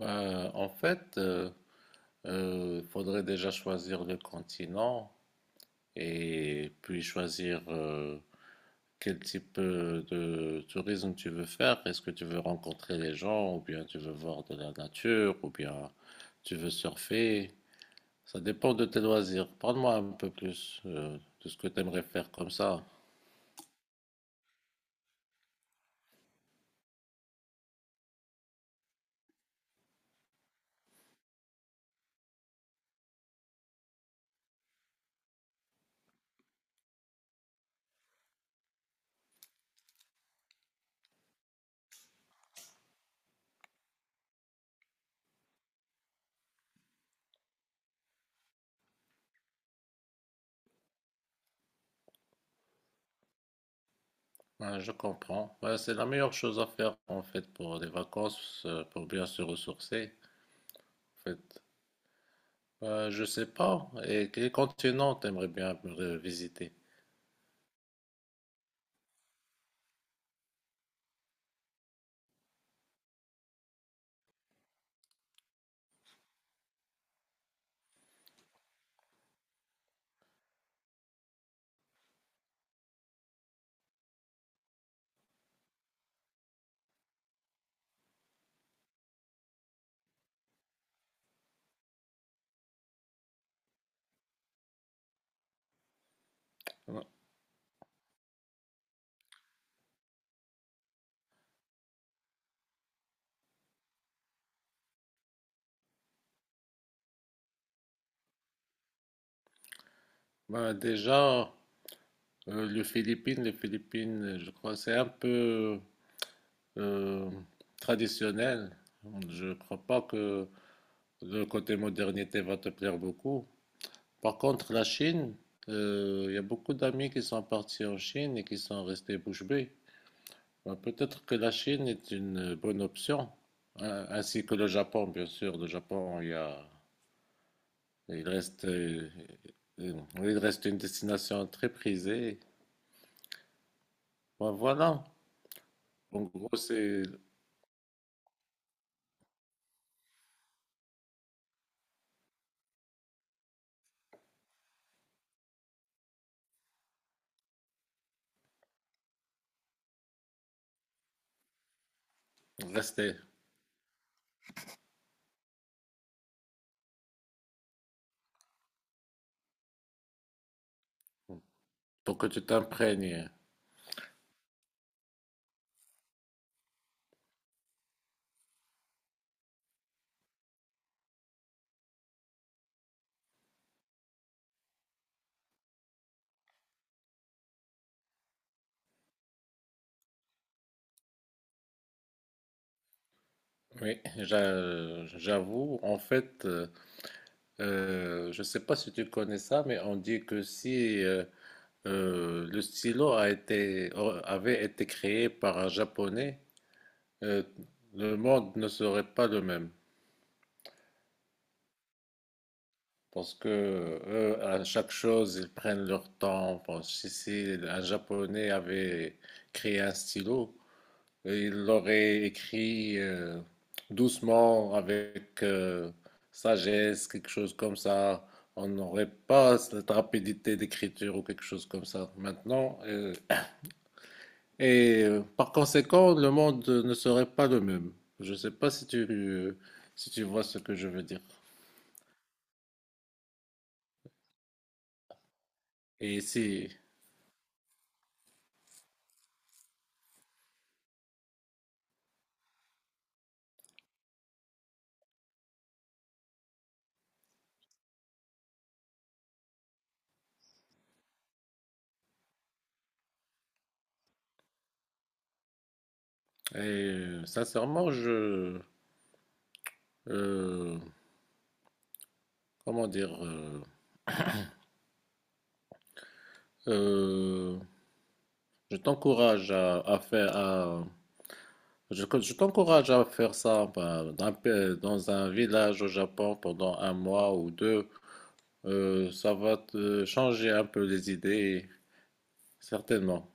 En fait, il faudrait déjà choisir le continent et puis choisir quel type de tourisme tu veux faire. Est-ce que tu veux rencontrer les gens ou bien tu veux voir de la nature ou bien tu veux surfer. Ça dépend de tes loisirs. Parle-moi un peu plus de ce que tu aimerais faire comme ça. Ouais, je comprends. Ouais, c'est la meilleure chose à faire en fait pour les vacances, pour bien se ressourcer. En fait, bah, je sais pas. Et quel continent t'aimerais bien visiter? Ouais. Bah, déjà, les Philippines, je crois, c'est un peu euh, traditionnel. Je crois pas que le côté modernité va te plaire beaucoup. Par contre, la Chine, il y a beaucoup d'amis qui sont partis en Chine et qui sont restés bouche bée. Bah, peut-être que la Chine est une bonne option, hein, ainsi que le Japon, bien sûr. Le Japon, il y a il reste, il reste une destination très prisée. Bon, voilà. En gros, c'est rester pour que tu t'imprègnes. Oui, j'avoue. En fait, je ne sais pas si tu connais ça, mais on dit que si le stylo a été, avait été créé par un Japonais, euh, le monde ne serait pas le même. Parce que eux, à chaque chose, ils prennent leur temps. Pense, si un Japonais avait créé un stylo, il l'aurait écrit doucement, avec sagesse, quelque chose comme ça. On n'aurait pas cette rapidité d'écriture ou quelque chose comme ça maintenant. Et par conséquent, le monde ne serait pas le même. Je ne sais pas si tu vois ce que je veux dire. Et si. Et sincèrement, euh, comment dire, euh, je t'encourage à faire, je t'encourage à faire ça bah, dans un village au Japon pendant un mois ou deux. Ça va te changer un peu les idées, certainement.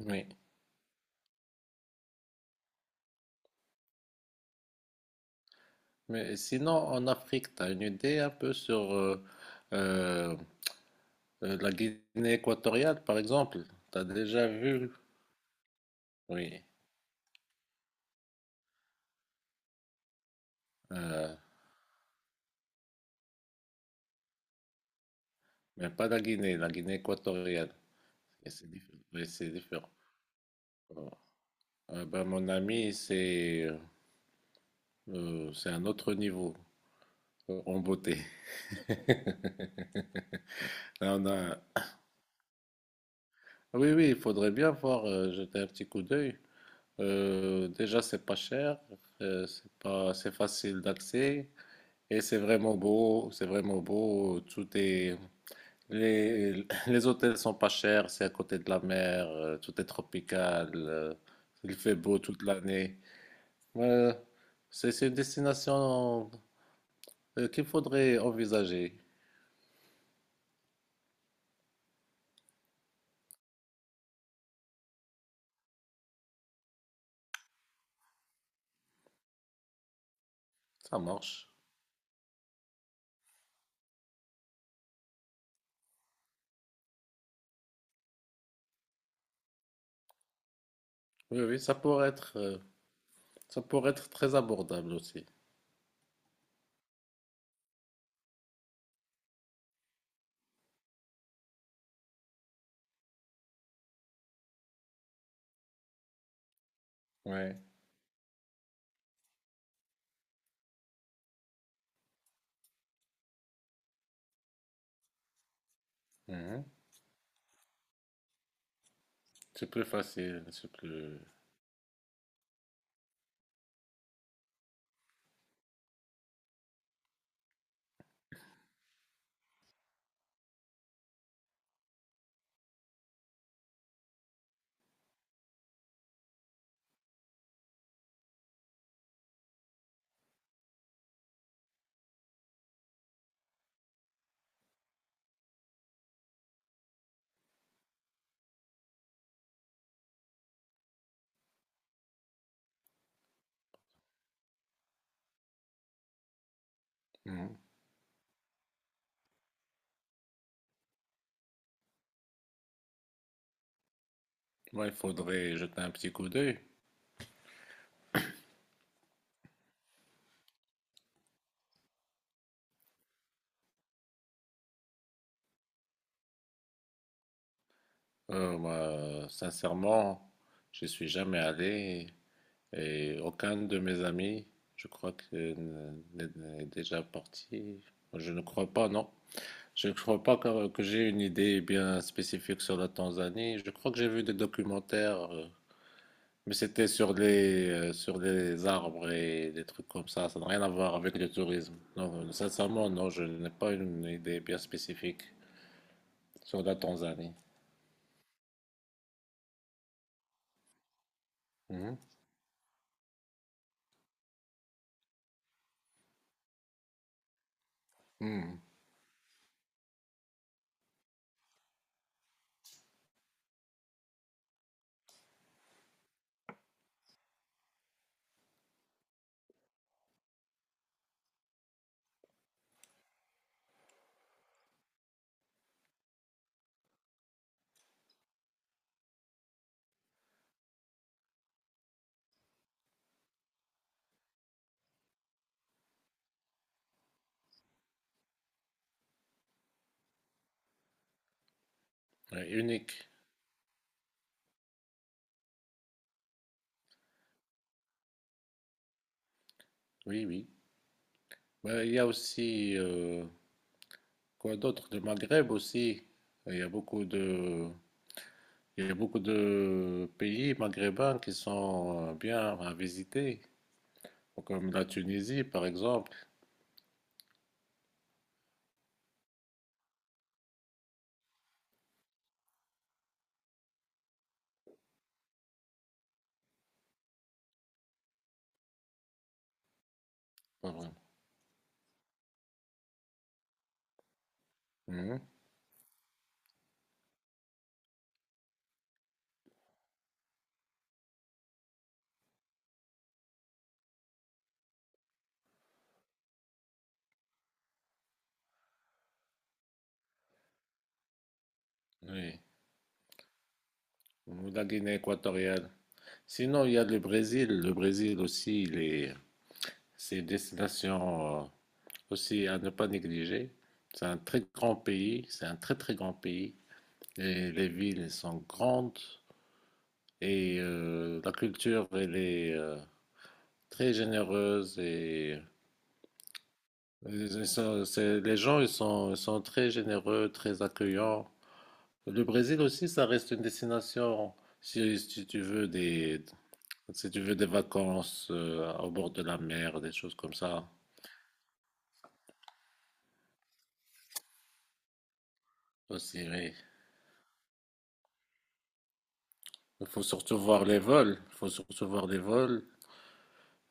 Oui. Mais sinon, en Afrique, tu as une idée un peu sur euh, la Guinée équatoriale, par exemple. Tu as déjà vu? Oui. Euh, mais pas la Guinée, la Guinée équatoriale. Et ouais, c'est différent. Voilà. Ah ben, mon ami, c'est un autre niveau en beauté. Là, on a... Oui, oui, il faudrait bien voir, jeter un petit coup d'œil. Déjà, c'est pas cher, c'est pas, c'est facile d'accès et c'est vraiment beau, c'est vraiment beau. Tout est, les hôtels sont pas chers, c'est à côté de la mer, tout est tropical, il fait beau toute l'année. Ouais, c'est une destination qu'il faudrait envisager. Ça marche. Oui, oui, ça pourrait être très abordable aussi. Ouais. Mhm. C'est plus facile, c'est plus. Mhm. Moi, il faudrait jeter un petit coup d'œil. Moi, sincèrement, je suis jamais allé et aucun de mes amis, je crois que n'est déjà parti. Je ne crois pas, non. Je ne crois pas que j'ai une idée bien spécifique sur la Tanzanie. Je crois que j'ai vu des documentaires, mais c'était sur les arbres et des trucs comme ça. Ça n'a rien à voir avec le tourisme. Non, sincèrement, non, je n'ai pas une idée bien spécifique sur la Tanzanie. Mhm. Mhm. Ouais, unique. Oui, oui. Ouais, il y a aussi, quoi d'autre? Le Maghreb aussi. Il y a beaucoup de, il y a beaucoup de pays maghrébins qui sont bien à visiter. Comme la Tunisie, par exemple. Pas vraiment. Mhm. Oui. Ou la Guinée équatoriale. Sinon, il y a le Brésil. Le Brésil aussi, il est... c'est une destination aussi à ne pas négliger. C'est un très grand pays. C'est un très, très grand pays. Et les villes elles sont grandes. Et la culture, elle est très généreuse. Et ça, c'est- les gens, ils sont très généreux, très accueillants. Le Brésil aussi, ça reste une destination, si tu veux des, si tu veux des vacances au bord de la mer, des choses comme ça aussi, oui. Il faut surtout voir les vols, il faut surtout voir les vols.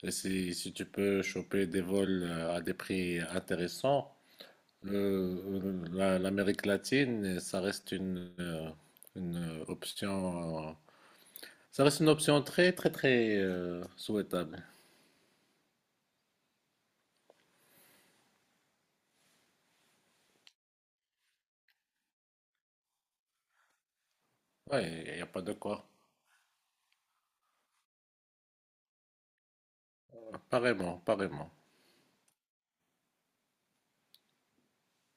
Et si, si tu peux choper des vols à des prix intéressants, l'Amérique latine, ça reste une option, ça reste une option très, très, très souhaitable. Ouais, il n'y a pas de quoi. Apparemment, apparemment.